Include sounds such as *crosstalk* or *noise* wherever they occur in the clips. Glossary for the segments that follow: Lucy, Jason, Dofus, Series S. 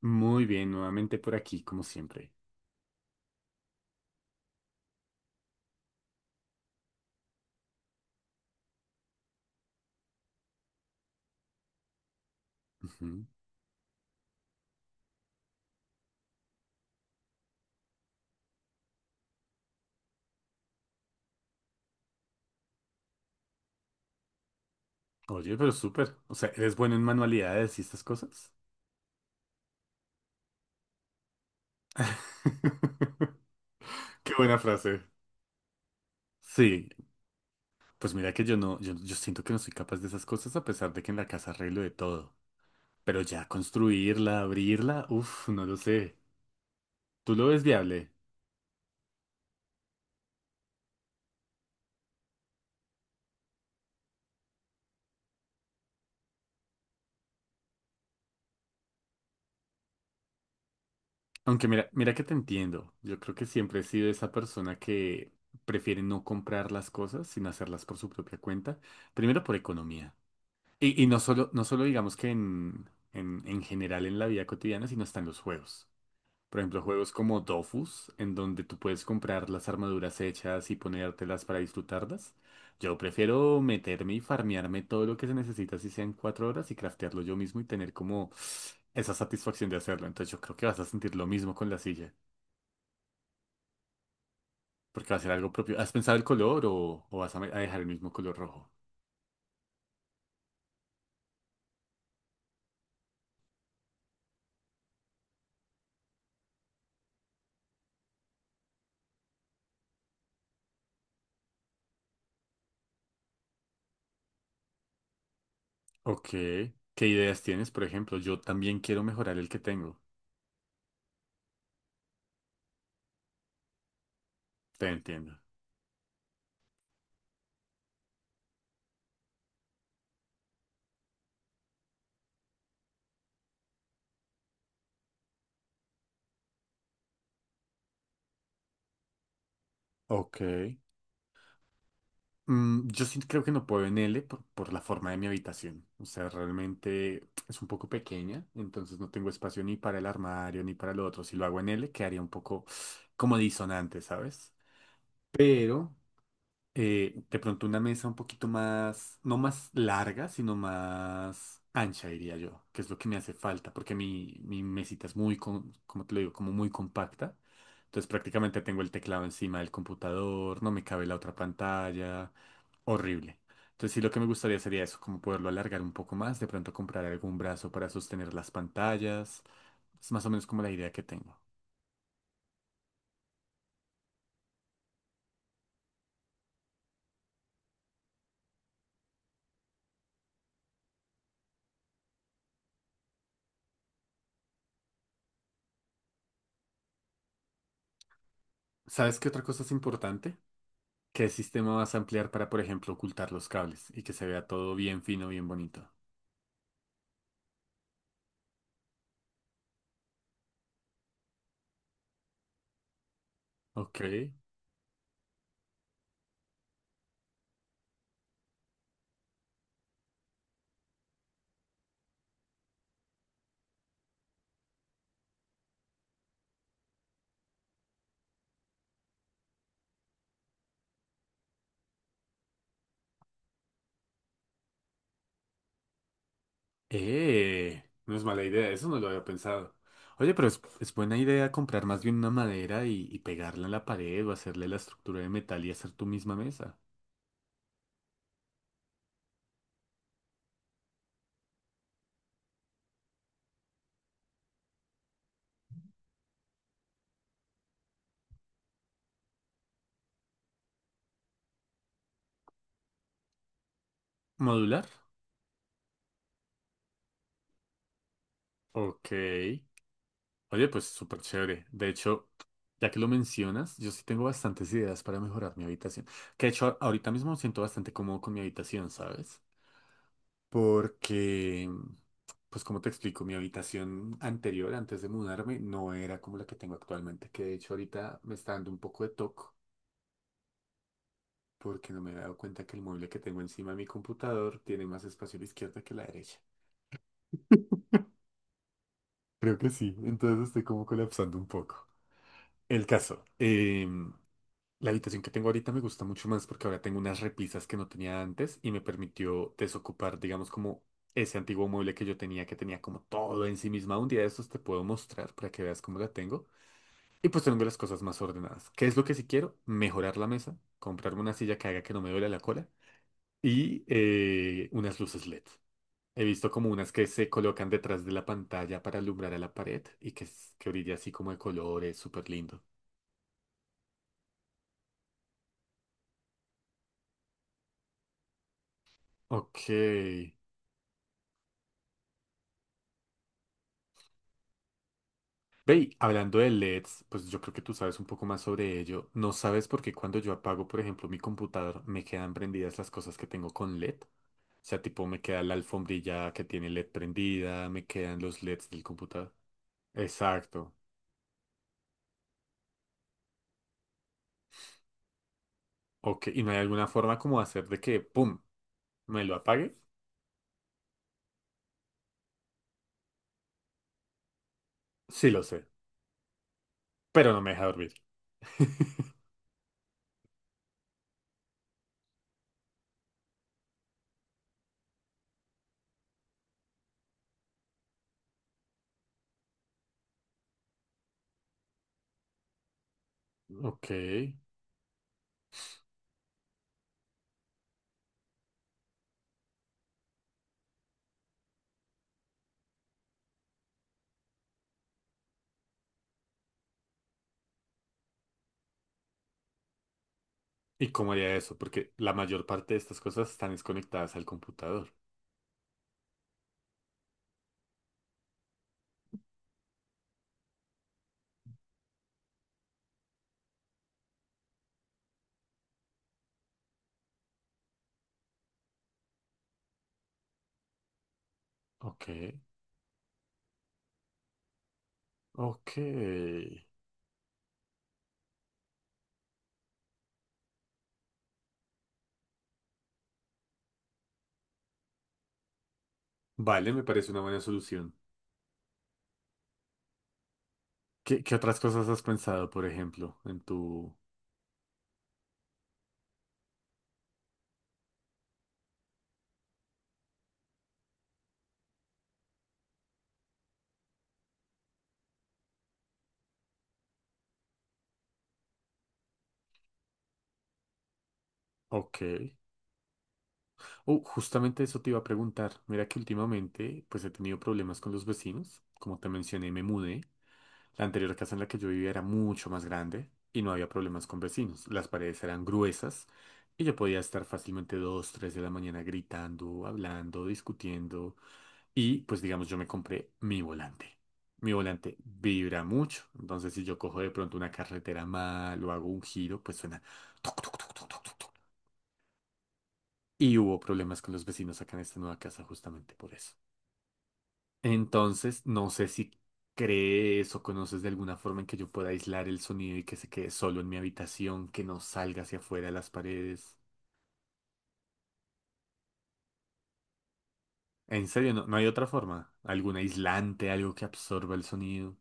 Muy bien, nuevamente por aquí, como siempre. Ujú. Oye, pero súper. O sea, ¿eres bueno en manualidades y estas cosas? *laughs* Qué buena frase. Sí, pues mira que yo siento que no soy capaz de esas cosas a pesar de que en la casa arreglo de todo. Pero ya construirla, abrirla, uff, no lo sé. ¿Tú lo ves viable? Aunque mira, mira que te entiendo. Yo creo que siempre he sido esa persona que prefiere no comprar las cosas, sino hacerlas por su propia cuenta. Primero por economía. Y no solo digamos que en general en la vida cotidiana, sino hasta en los juegos. Por ejemplo, juegos como Dofus, en donde tú puedes comprar las armaduras hechas y ponértelas para disfrutarlas. Yo prefiero meterme y farmearme todo lo que se necesita, si sean cuatro horas, y craftearlo yo mismo y tener como esa satisfacción de hacerlo. Entonces yo creo que vas a sentir lo mismo con la silla, porque va a ser algo propio. ¿Has pensado el color o vas a, a dejar el mismo color rojo? Ok. ¿Qué ideas tienes? Por ejemplo, yo también quiero mejorar el que tengo. Te entiendo. Ok. Yo sí creo que no puedo en L por la forma de mi habitación. O sea, realmente es un poco pequeña, entonces no tengo espacio ni para el armario ni para lo otro. Si lo hago en L, quedaría un poco como disonante, ¿sabes? Pero de pronto una mesa un poquito más, no más larga, sino más ancha, diría yo, que es lo que me hace falta, porque mi mesita es muy, como te lo digo, como muy compacta. Entonces prácticamente tengo el teclado encima del computador, no me cabe la otra pantalla, horrible. Entonces sí, lo que me gustaría sería eso, como poderlo alargar un poco más, de pronto comprar algún brazo para sostener las pantallas. Es más o menos como la idea que tengo. ¿Sabes qué otra cosa es importante? ¿Qué sistema vas a ampliar para, por ejemplo, ocultar los cables y que se vea todo bien fino, bien bonito? Ok. No es mala idea, eso no lo había pensado. Oye, pero es buena idea comprar más bien una madera y pegarla en la pared o hacerle la estructura de metal y hacer tu misma mesa. ¿Modular? Ok. Oye, pues súper chévere. De hecho, ya que lo mencionas, yo sí tengo bastantes ideas para mejorar mi habitación. Que de hecho, ahorita mismo me siento bastante cómodo con mi habitación, ¿sabes? Porque, pues como te explico, mi habitación anterior, antes de mudarme, no era como la que tengo actualmente, que de hecho ahorita me está dando un poco de toque, porque no me he dado cuenta que el mueble que tengo encima de mi computador tiene más espacio a la izquierda que a la derecha. Creo que sí, entonces estoy como colapsando un poco. El caso, la habitación que tengo ahorita me gusta mucho más porque ahora tengo unas repisas que no tenía antes y me permitió desocupar, digamos, como ese antiguo mueble que yo tenía, que tenía como todo en sí misma. Un día de estos te puedo mostrar para que veas cómo la tengo. Y pues tengo las cosas más ordenadas. ¿Qué es lo que sí quiero? Mejorar la mesa, comprarme una silla que haga que no me duele la cola y unas luces LED. He visto como unas que se colocan detrás de la pantalla para alumbrar a la pared y que, que brilla así como de colores, súper lindo. Ok. Ve, y hablando de LEDs, pues yo creo que tú sabes un poco más sobre ello. ¿No sabes por qué cuando yo apago, por ejemplo, mi computador, me quedan prendidas las cosas que tengo con LED? O sea, tipo, me queda la alfombrilla que tiene LED prendida, me quedan los LEDs del computador. Exacto. Ok, ¿y no hay alguna forma como hacer de que, pum, me lo apague? Sí lo sé, pero no me deja dormir. *laughs* Ok. ¿Y cómo haría eso? Porque la mayor parte de estas cosas están desconectadas al computador. Ok. Ok. Vale, me parece una buena solución. ¿Qué, qué otras cosas has pensado, por ejemplo, en tu... Ok. Oh, justamente eso te iba a preguntar. Mira que últimamente, pues he tenido problemas con los vecinos. Como te mencioné, me mudé. La anterior casa en la que yo vivía era mucho más grande y no había problemas con vecinos. Las paredes eran gruesas y yo podía estar fácilmente dos, tres de la mañana gritando, hablando, discutiendo. Y pues digamos, yo me compré mi volante. Mi volante vibra mucho, entonces si yo cojo de pronto una carretera mal o hago un giro, pues suena... tuc, tuc, tuc, tuc, tuc, tuc, tuc. Y hubo problemas con los vecinos acá en esta nueva casa justamente por eso. Entonces, no sé si crees o conoces de alguna forma en que yo pueda aislar el sonido y que se quede solo en mi habitación, que no salga hacia afuera de las paredes. En serio, no, no hay otra forma. ¿Algún aislante, algo que absorba el sonido?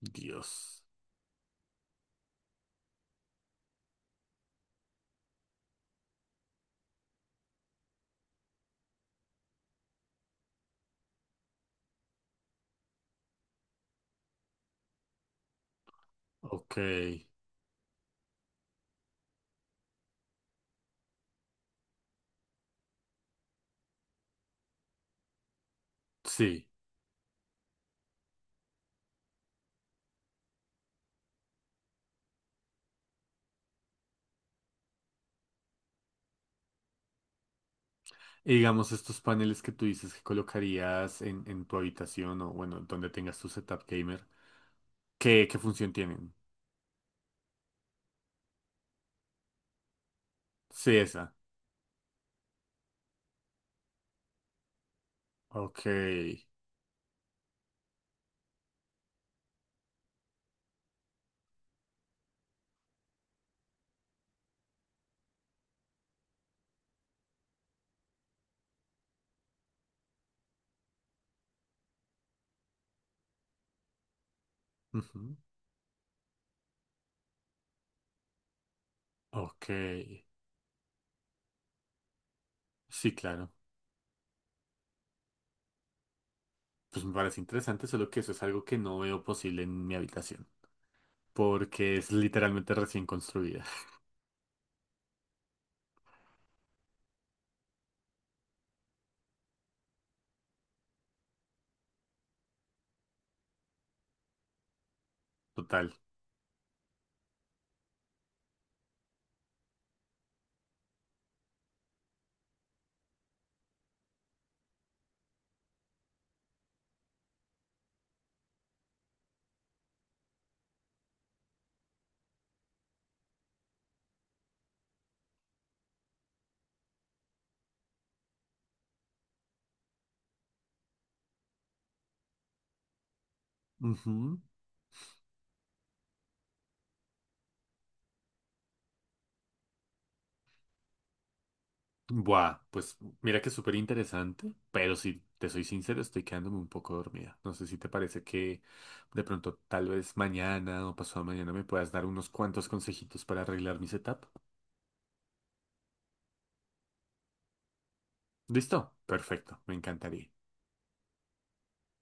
Dios. Ok. Sí. Y digamos, estos paneles que tú dices que colocarías en tu habitación o, bueno, donde tengas tu setup gamer, ¿qué, qué función tienen? Sí, esa. Ok. Ujú. Ok. Sí, claro. Pues me parece interesante, solo que eso es algo que no veo posible en mi habitación, porque es literalmente recién construida. *laughs* Total. Ujú. Buah, pues mira que es súper interesante, pero si te soy sincero, estoy quedándome un poco dormida. No sé si te parece que de pronto tal vez mañana o pasado mañana me puedas dar unos cuantos consejitos para arreglar mi setup. ¿Listo? Perfecto, me encantaría.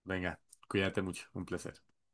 Venga, cuídate mucho, un placer.